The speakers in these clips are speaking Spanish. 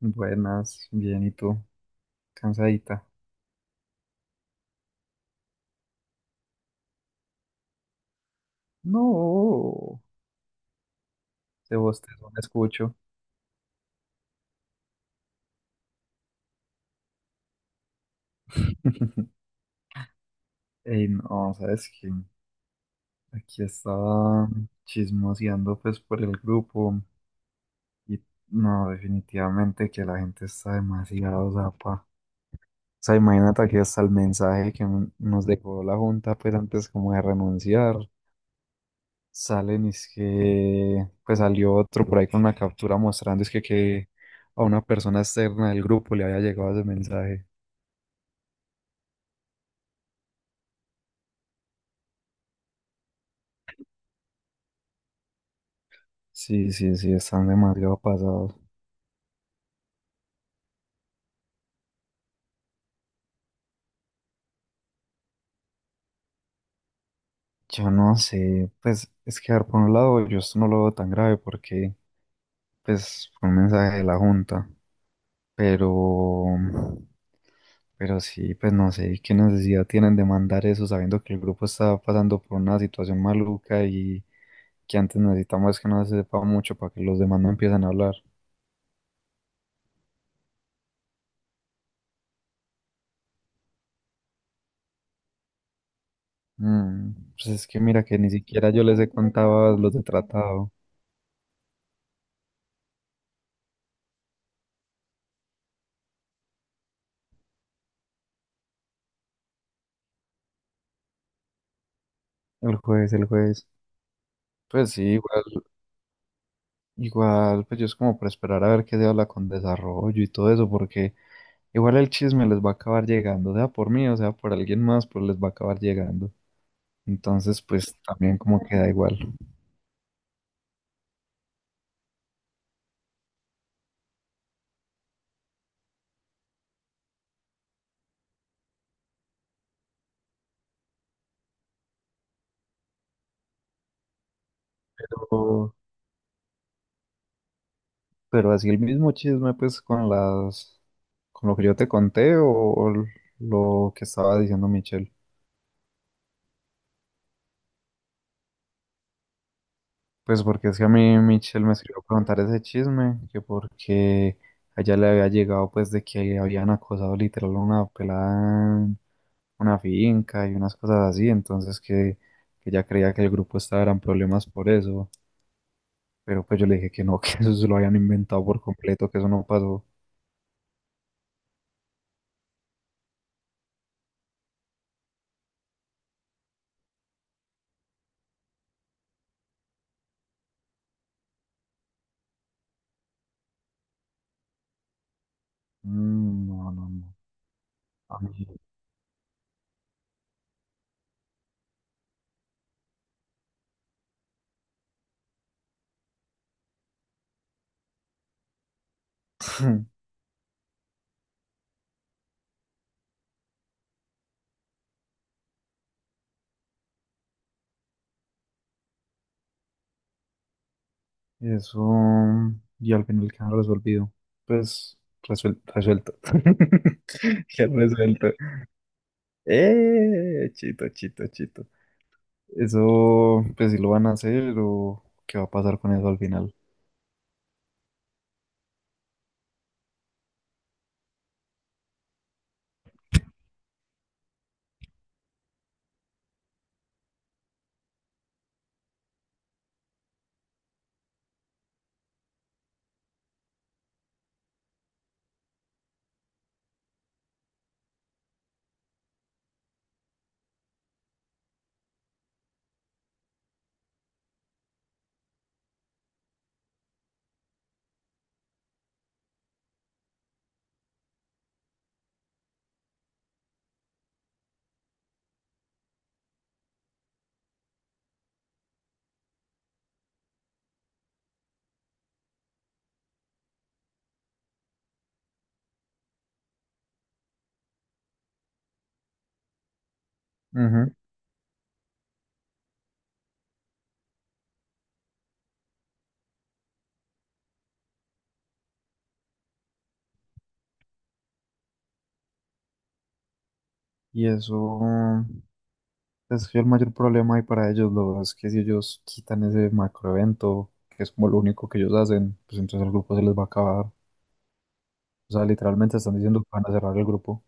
Buenas, bien, ¿y tú? ¿Cansadita? No, ese bostezo me escucho. Ey, no, ¿sabes qué? Aquí estaba chismoseando pues por el grupo y no, definitivamente que la gente está demasiado zapa. O sea, imagínate aquí hasta el mensaje que nos dejó la junta pues antes como de renunciar. Salen y es que pues salió otro por ahí con una captura mostrando es que a una persona externa del grupo le había llegado ese mensaje. Sí, sí, sí, están demasiado pasados. Yo no sé, pues es que a ver, por un lado yo esto no lo veo tan grave porque pues fue un mensaje de la junta, pero pero sí, pues no sé qué necesidad tienen de mandar eso sabiendo que el grupo está pasando por una situación maluca y que antes necesitamos que no se sepa mucho para que los demás no empiecen a hablar. Mm, pues es que mira que ni siquiera yo les he contado los de tratado. El juez, el juez. Pues sí, igual, igual, pues yo es como para esperar a ver qué se habla con desarrollo y todo eso, porque igual el chisme les va a acabar llegando, sea por mí o sea por alguien más, pues les va a acabar llegando. Entonces, pues también como queda igual. Pero, pero así el mismo chisme, pues con las, con lo que yo te conté o lo que estaba diciendo Michelle. Pues porque es que a mí Michelle me escribió a preguntar ese chisme, que porque a ella le había llegado pues de que habían acosado literal a una pelada en una finca y unas cosas así, entonces que ella creía que el grupo estaba en problemas por eso, pero pues yo le dije que no, que eso se lo habían inventado por completo, que eso no pasó. Mm, no, no, no. A mí eso y al final quedaron resolvido. Pues resuel- resuelto. Ya resuelto. Chito, chito, chito. Eso, pues si lo van a hacer o qué va a pasar con eso al final. Ujú. Y eso es el mayor problema ahí para ellos, lo es que si ellos quitan ese macroevento, que es como lo único que ellos hacen, pues entonces el grupo se les va a acabar. O sea, literalmente están diciendo que van a cerrar el grupo.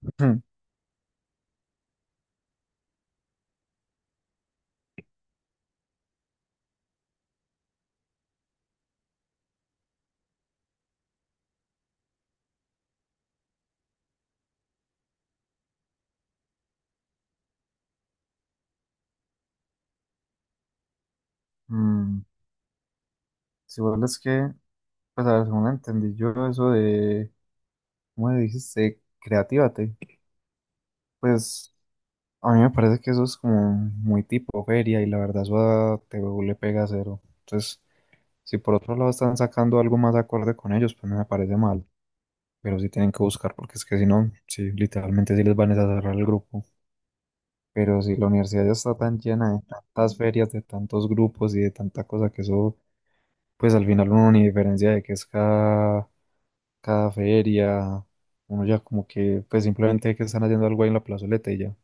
Mm, si igual es que, pues a ver, según entendí yo eso de, ¿cómo le dijiste? Creatívate. Pues a mí me parece que eso es como muy tipo feria y la verdad eso a TVO le pega cero. Entonces, si por otro lado están sacando algo más acorde con ellos, pues no me parece mal. Pero sí tienen que buscar porque es que si no, sí, literalmente sí les van a cerrar el grupo. Pero si la universidad ya está tan llena de tantas ferias, de tantos grupos y de tanta cosa que eso, pues al final uno ni diferencia de que es cada, cada feria. Uno ya como que pues simplemente que están haciendo algo ahí en la plazoleta y ya.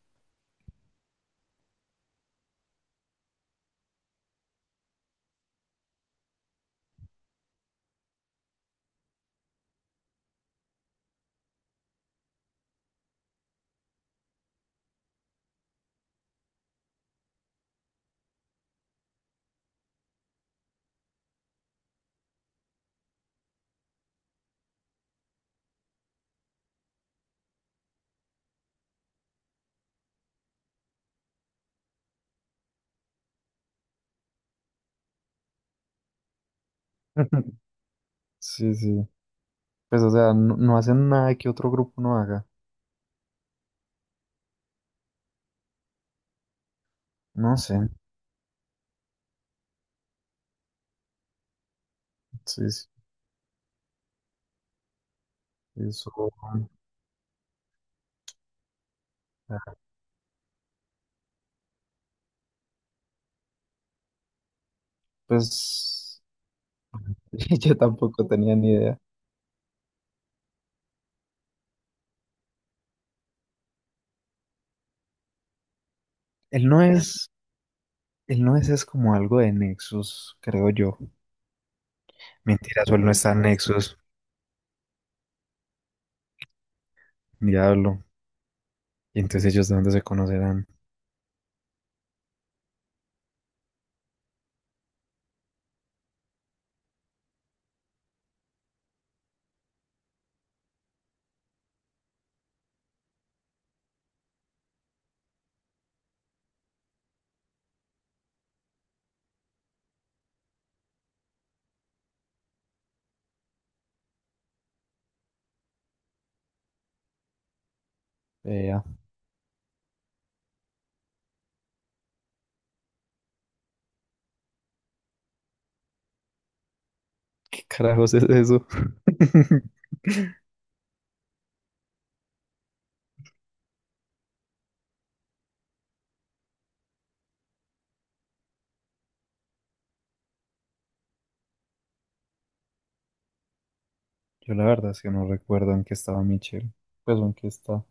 Sí, sí. Pues, o sea, no, no hacen nada que otro grupo no haga. No sé. Sí, sí, eso. Pues yo tampoco tenía ni idea. Él no es, él no es, es como algo de Nexus, creo yo. Mentiras, o él no está en Nexus, diablo. Y entonces ellos de dónde se conocerán. Vea, ¿qué carajos es eso? Yo la verdad es que no recuerdo en qué estaba Michelle. Pues en qué está,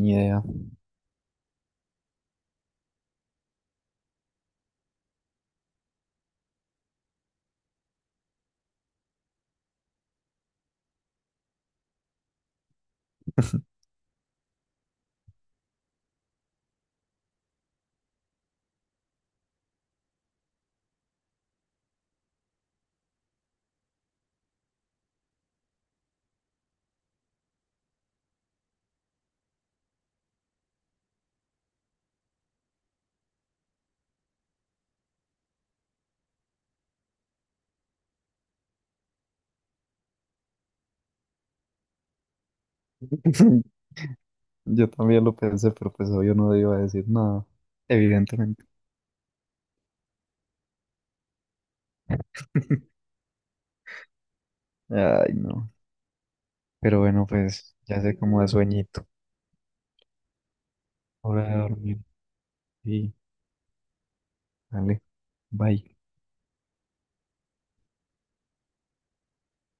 ni idea. Yo también lo pensé, pero pues yo no iba a decir nada, evidentemente. Ay, no. Pero bueno, pues ya sé cómo da sueñito. Hora de dormir. Y dale. Bye.